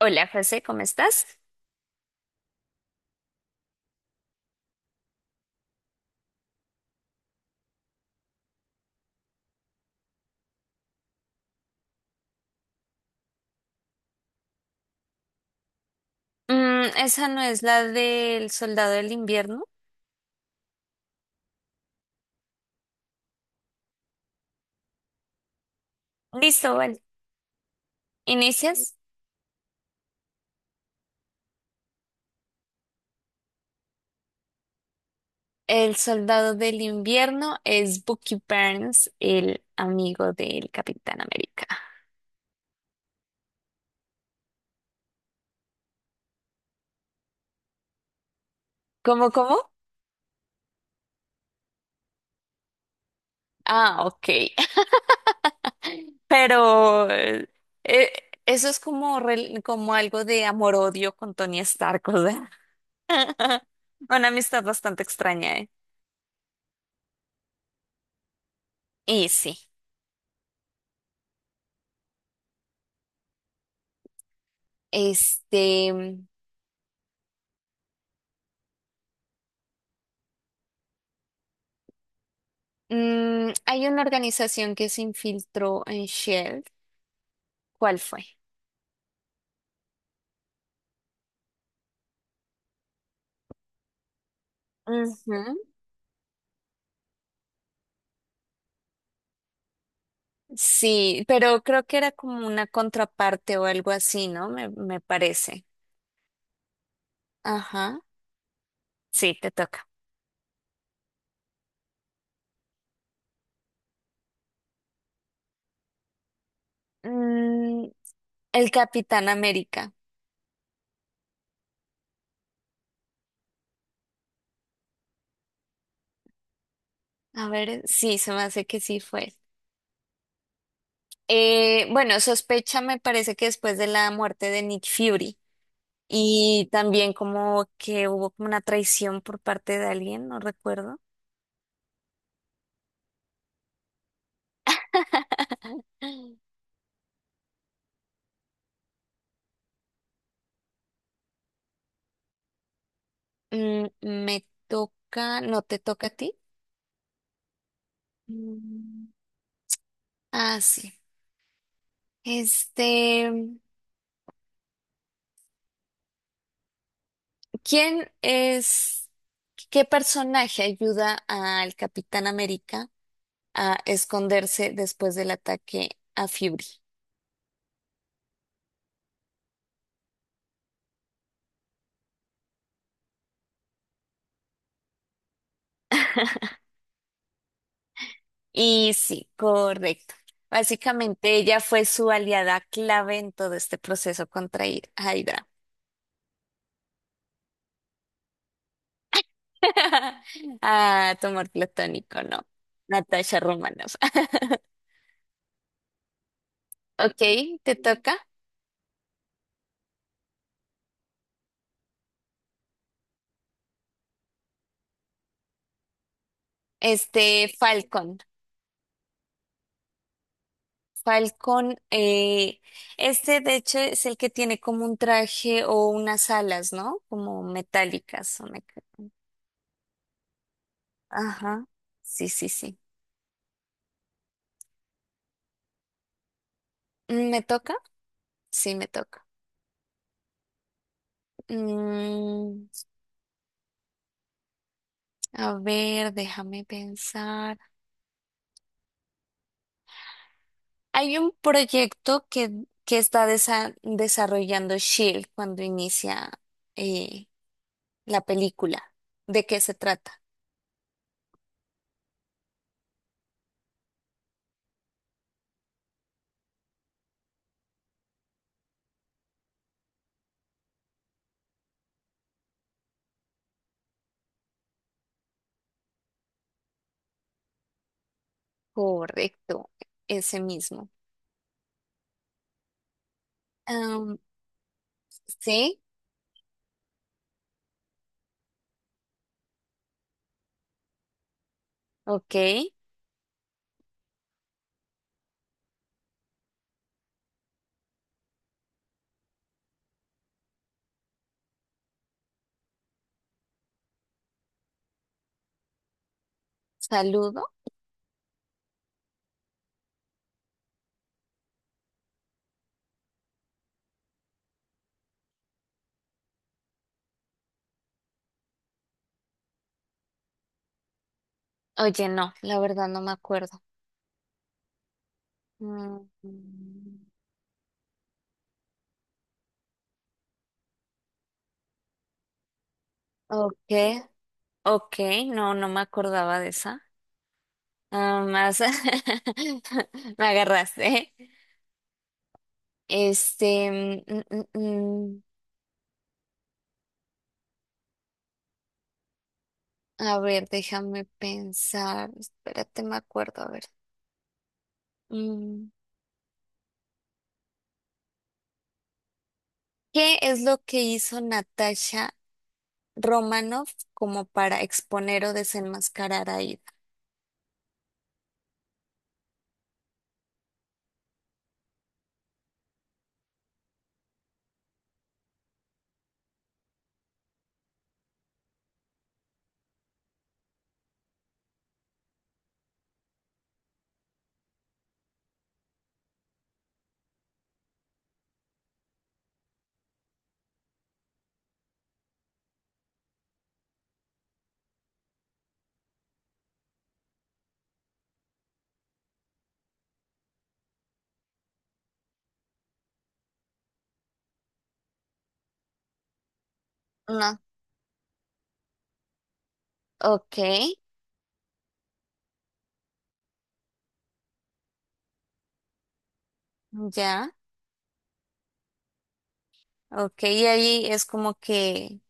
Hola, José, ¿cómo estás? Mm, esa no es la del soldado del invierno. Listo, vale. ¿Inicias? El soldado del invierno es Bucky Barnes, el amigo del Capitán América. ¿Cómo, cómo? Ah, ok. Pero eh, eso es como, como algo de amor-odio con Tony Stark, o sea. Una amistad bastante extraña, ¿eh? Y sí, este. Mm, hay una organización que se infiltró en Shell. ¿Cuál fue? Ujú. Sí, pero creo que era como una contraparte o algo así, ¿no? Me parece. Ajá. Sí, te toca. Mm, el Capitán América. A ver, sí, se me hace que sí fue. Bueno, sospecha me parece que después de la muerte de Nick Fury y también como que hubo como una traición por parte de alguien, no recuerdo. Mm, me toca, no te toca a ti. Mm. Ah, sí. Este, ¿quién es, qué personaje ayuda al Capitán América a esconderse después del ataque a Fury? Y sí, correcto. Básicamente ella fue su aliada clave en todo este proceso contra Hydra. Ah, tu amor platónico, ¿no? Natasha Romanoff. Ok, te toca. Este Falcon. Falcon, este de hecho es el que tiene como un traje o unas alas, ¿no? Como metálicas. Ajá. Sí, sí, sí. Mm, ¿me toca? Sí, me toca. Mm, a ver, déjame pensar. Hay un proyecto que está desarrollando Shield cuando inicia eh, la película. ¿De qué se trata? Correcto, ese mismo. Sí, ok. Saludo. Oye, no, la verdad no me acuerdo. Mm, ok, ok, no, no me acordaba de esa. Ah, más me agarraste. Este, mm, mm, mm, a ver, déjame pensar. Espérate, me acuerdo, a ver. Mm, ¿qué es lo que hizo Natasha Romanoff como para exponer o desenmascarar a Ida? No, ok, ya. Ok, y ahí es como que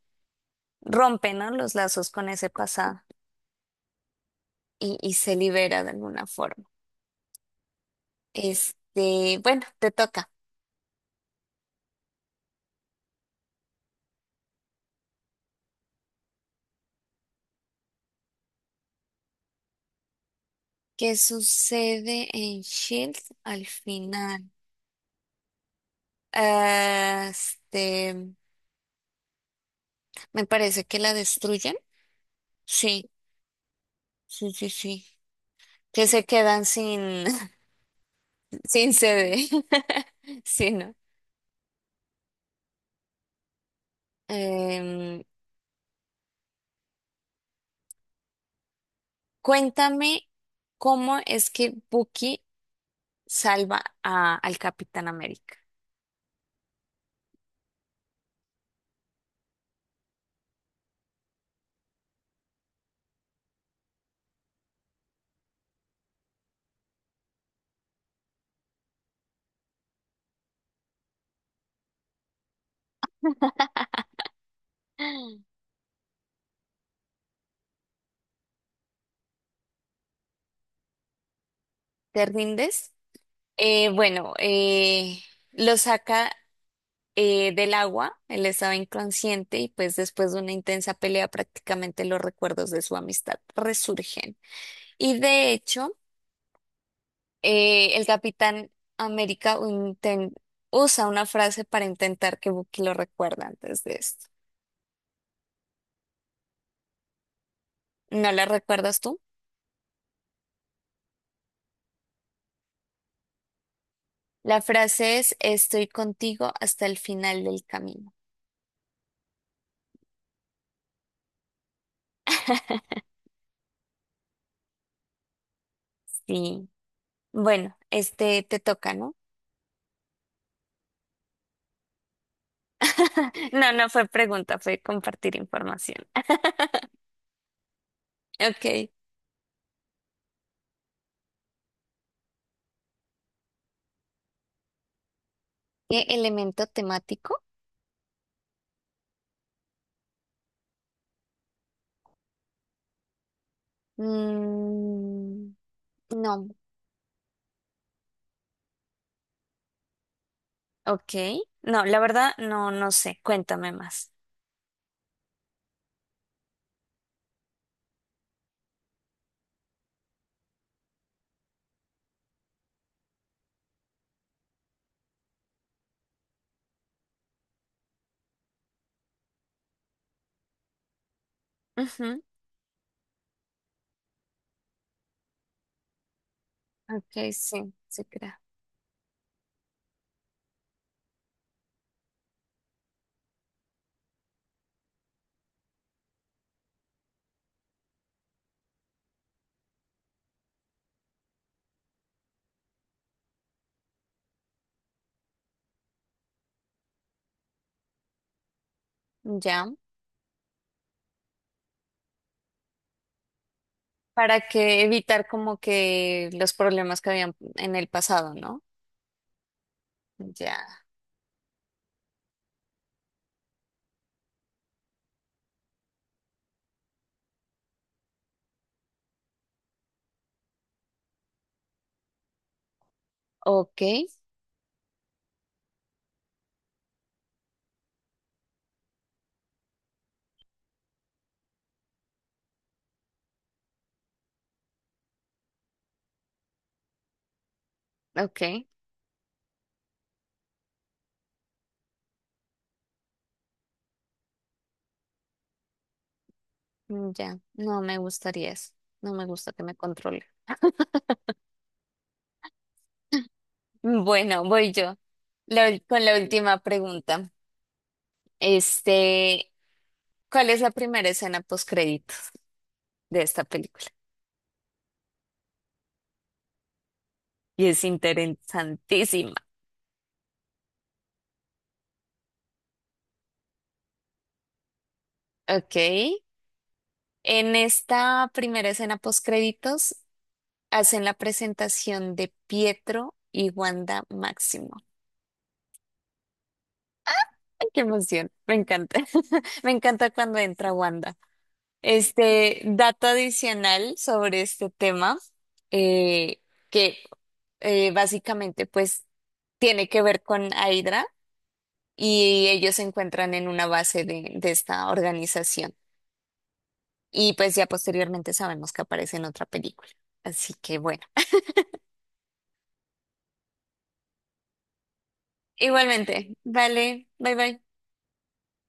rompe, ¿no? Los lazos con ese pasado y, se libera de alguna forma. Este, bueno, te toca. ¿Qué sucede en Shield al final? Ah, este, me parece que la destruyen. Sí, sí, sí, sí. Que se quedan sin, sin sede. Sí, ¿no? Em, cuéntame cómo es que Bucky salva al Capitán América. ¿Te rindes? Bueno, lo saca del agua, él estaba inconsciente y pues después de una intensa pelea prácticamente los recuerdos de su amistad resurgen. Y de hecho, el Capitán América usa una frase para intentar que Bucky lo recuerde antes de esto. ¿No la recuerdas tú? La frase es, estoy contigo hasta el final del camino. Sí. Bueno, este te toca, ¿no? No, no fue pregunta, fue compartir información. Ok. ¿Elemento temático? Mm, no. Ok. No, la verdad, no, no sé. Cuéntame más. Ujú. Ok, sí, se crea. Ya. ¿Para que evitar como que los problemas que habían en el pasado, no? Ya. Ok, ok. Ya. No me gustaría eso. No me gusta que me controle. Bueno, voy yo. Con la última pregunta. Este, ¿cuál es la primera escena post créditos de esta película? Y es interesantísima. Ok. En esta primera escena post créditos hacen la presentación de Pietro y Wanda Máximo. Ay, qué emoción. Me encanta. Me encanta cuando entra Wanda. Este dato adicional sobre este tema, eh, que básicamente pues tiene que ver con Hydra. Y ellos se encuentran en una base de esta organización. Y pues ya posteriormente sabemos que aparece en otra película. Así que bueno, igualmente, vale, bye bye.